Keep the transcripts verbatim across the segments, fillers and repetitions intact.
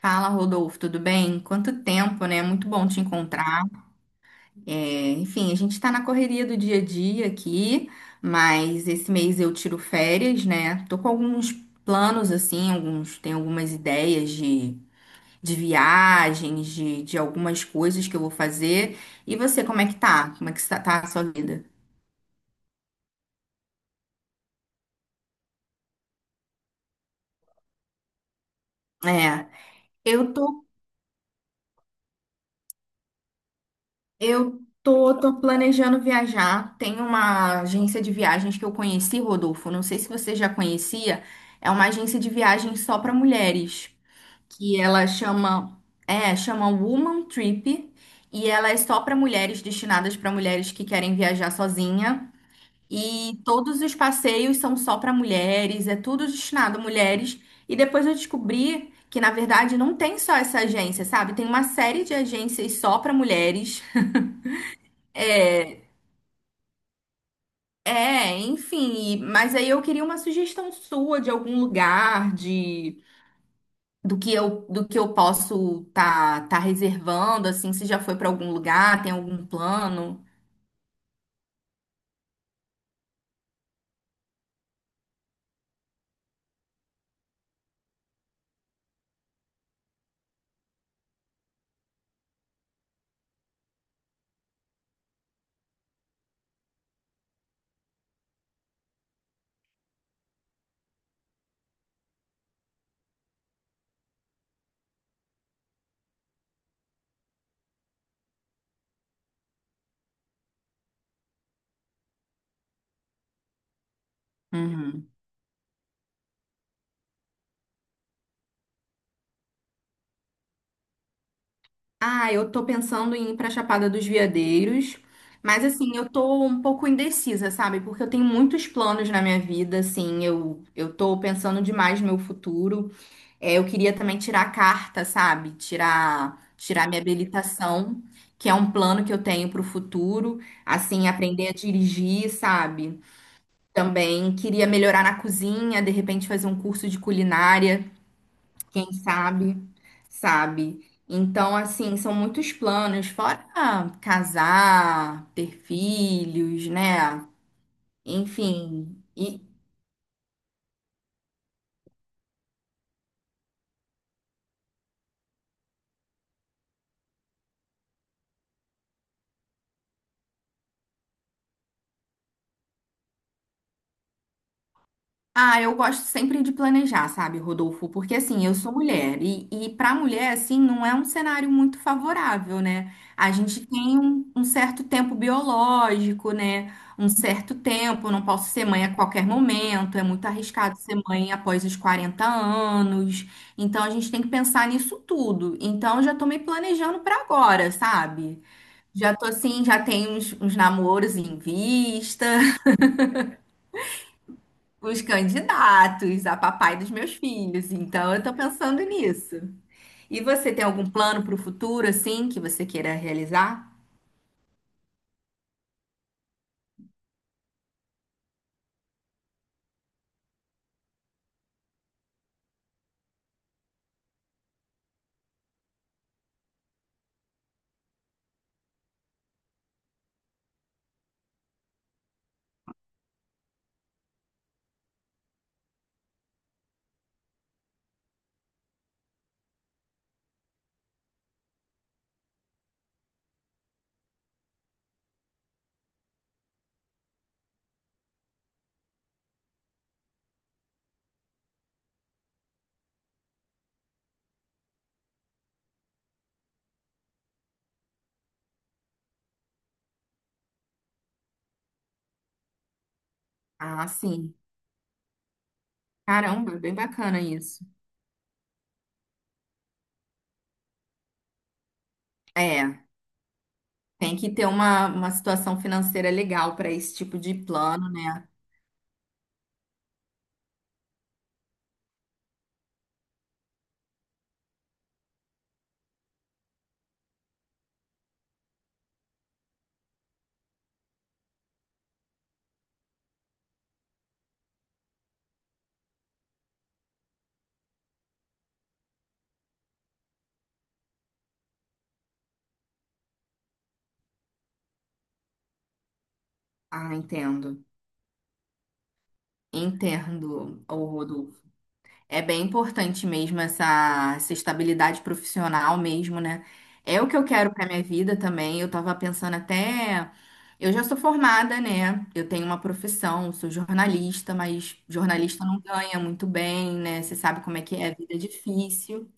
Fala, Rodolfo, tudo bem? Quanto tempo, né? Muito bom te encontrar. É, enfim, a gente está na correria do dia a dia aqui, mas esse mês eu tiro férias, né? Tô com alguns planos, assim, alguns, tenho algumas ideias de, de viagens, de, de algumas coisas que eu vou fazer. E você, como é que tá? Como é que está- tá a sua vida? É, eu tô Eu tô, tô planejando viajar. Tem uma agência de viagens que eu conheci, Rodolfo. Não sei se você já conhecia. É uma agência de viagens só para mulheres, que ela chama, é, chama Woman Trip, e ela é só para mulheres, destinadas para mulheres que querem viajar sozinha. E todos os passeios são só para mulheres, é tudo destinado a mulheres. E depois eu descobri que, na verdade, não tem só essa agência, sabe? Tem uma série de agências só para mulheres. É, é, enfim, e- mas aí eu queria uma sugestão sua de algum lugar, de do que eu do que eu posso tá tá reservando, assim, se já foi para algum lugar, tem algum plano? Uhum. Ah, eu tô pensando em ir pra Chapada dos Veadeiros, mas assim, eu tô um pouco indecisa, sabe? Porque eu tenho muitos planos na minha vida, assim, eu eu tô pensando demais no meu futuro. É, eu queria também tirar a carta, sabe? Tirar, tirar minha habilitação, que é um plano que eu tenho para o futuro, assim, aprender a dirigir, sabe? Também queria melhorar na cozinha, de repente fazer um curso de culinária, quem sabe, sabe? Então, assim, são muitos planos, fora casar, ter filhos, né? Enfim, e Ah, eu gosto sempre de planejar, sabe, Rodolfo? Porque assim, eu sou mulher e, e para mulher, assim, não é um cenário muito favorável, né? A gente tem um, um certo tempo biológico, né? Um certo tempo, não posso ser mãe a qualquer momento, é muito arriscado ser mãe após os quarenta anos. Então a gente tem que pensar nisso tudo. Então eu já tô me planejando para agora, sabe? Já tô assim, já tenho uns, uns namoros em vista, os candidatos a papai dos meus filhos. Então, eu tô pensando nisso. E você tem algum plano para o futuro, assim, que você queira realizar? Ah, sim. Caramba, bem bacana isso. É, tem que ter uma, uma situação financeira legal para esse tipo de plano, né? Ah, entendo. Entendo, ô Rodolfo. É bem importante mesmo essa, essa estabilidade profissional mesmo, né? É o que eu quero para minha vida também. Eu tava pensando até, eu já sou formada, né? Eu tenho uma profissão, sou jornalista, mas jornalista não ganha muito bem, né? Você sabe como é que é, a vida é difícil.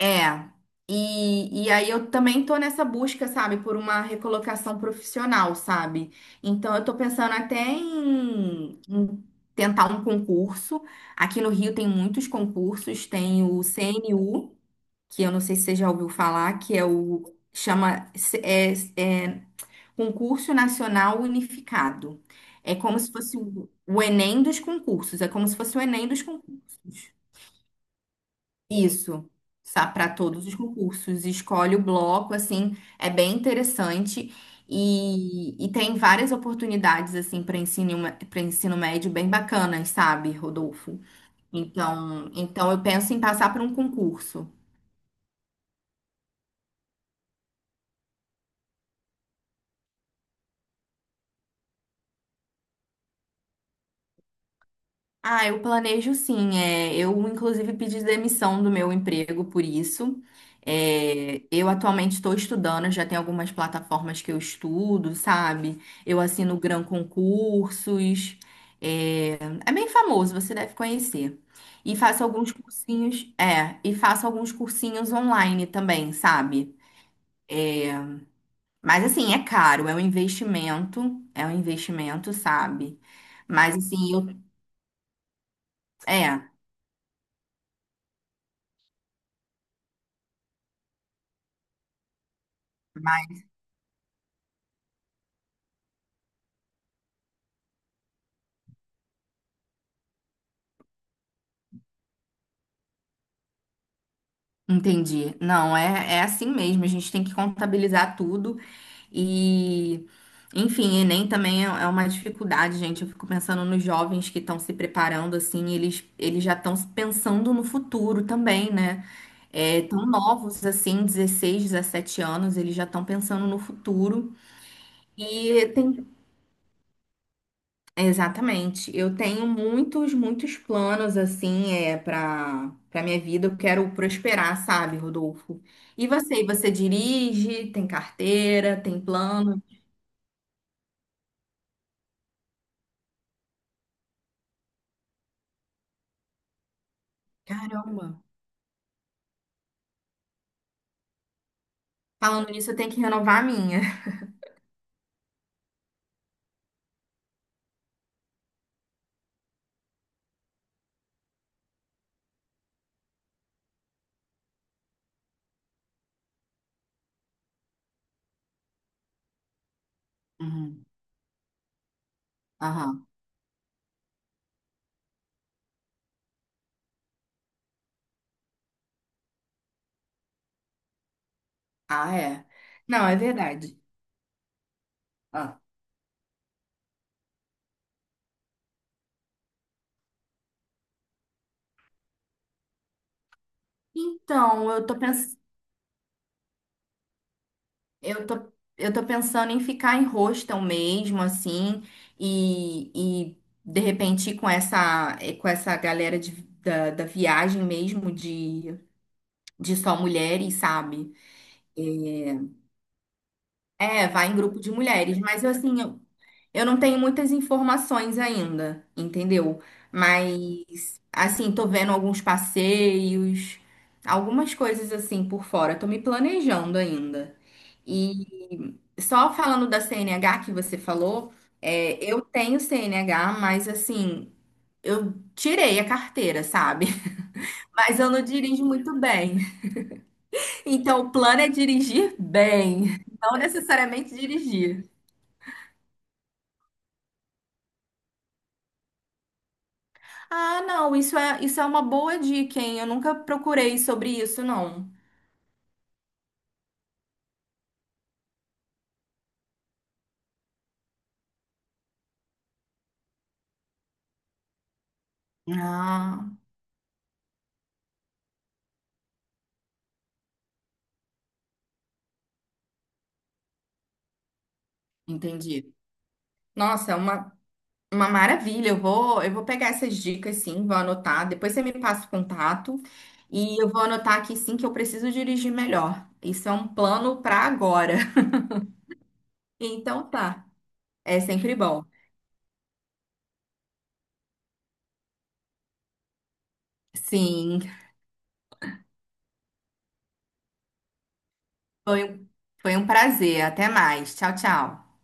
É. E, e aí eu também tô nessa busca, sabe, por uma recolocação profissional, sabe? Então eu tô pensando até em, em tentar um concurso. Aqui no Rio tem muitos concursos, tem o C N U, que eu não sei se você já ouviu falar, que é o, chama, é, é Concurso Nacional Unificado. É como se fosse o o Enem dos concursos, é como se fosse o Enem dos concursos. Isso, para todos os concursos. Escolhe o bloco, assim, é bem interessante. E, e tem várias oportunidades, assim, para ensino, para ensino médio bem bacanas, sabe, Rodolfo? Então, então eu penso em passar por um concurso. Ah, eu planejo sim. É, eu, inclusive, pedi demissão do meu emprego por isso. É, eu atualmente estou estudando, já tem algumas plataformas que eu estudo, sabe? Eu assino Gran Concursos. É, é bem famoso, você deve conhecer. E faço alguns cursinhos, é, e faço alguns cursinhos online também, sabe? Mas assim, é caro, é um investimento, é um investimento, sabe? Mas assim, eu, é. Entendi. Não, é, é assim mesmo. A gente tem que contabilizar tudo e, enfim, Enem também é é uma dificuldade, gente. Eu fico pensando nos jovens que estão se preparando, assim, eles, eles já estão pensando no futuro também, né? É, tão novos, assim, dezesseis, dezessete anos, eles já estão pensando no futuro. E tem Exatamente. Eu tenho muitos, muitos planos assim, é para para minha vida. Eu quero prosperar, sabe, Rodolfo? E você? E você dirige? Tem carteira? Tem plano? Caramba. Falando nisso, eu tenho que renovar a minha. Uhum. Aham. Ah, é. Não, é verdade. Ah. Então, eu tô pensando Eu tô, eu tô pensando em ficar em hostel mesmo, assim, e, e de repente ir com essa, eh, com essa galera de, da, da viagem mesmo de, de só mulheres, sabe? É, vai em grupo de mulheres, mas eu, assim, eu, eu não tenho muitas informações ainda, entendeu? Mas, assim, tô vendo alguns passeios, algumas coisas assim por fora. Tô me planejando ainda. E só falando da C N H que você falou, é, eu tenho C N H, mas assim, eu tirei a carteira, sabe? Mas eu não dirijo muito bem. Então, o plano é dirigir bem, não necessariamente dirigir. Ah, não, isso é, isso é uma boa dica, hein? Eu nunca procurei sobre isso, não. Ah, entendi. Nossa, é uma Uma maravilha, eu vou, eu vou pegar essas dicas sim, vou anotar. Depois você me passa o contato e eu vou anotar aqui sim que eu preciso dirigir melhor. Isso é um plano para agora. Então tá, é sempre bom. Sim, foi, um- foi um prazer. Até mais. Tchau, tchau.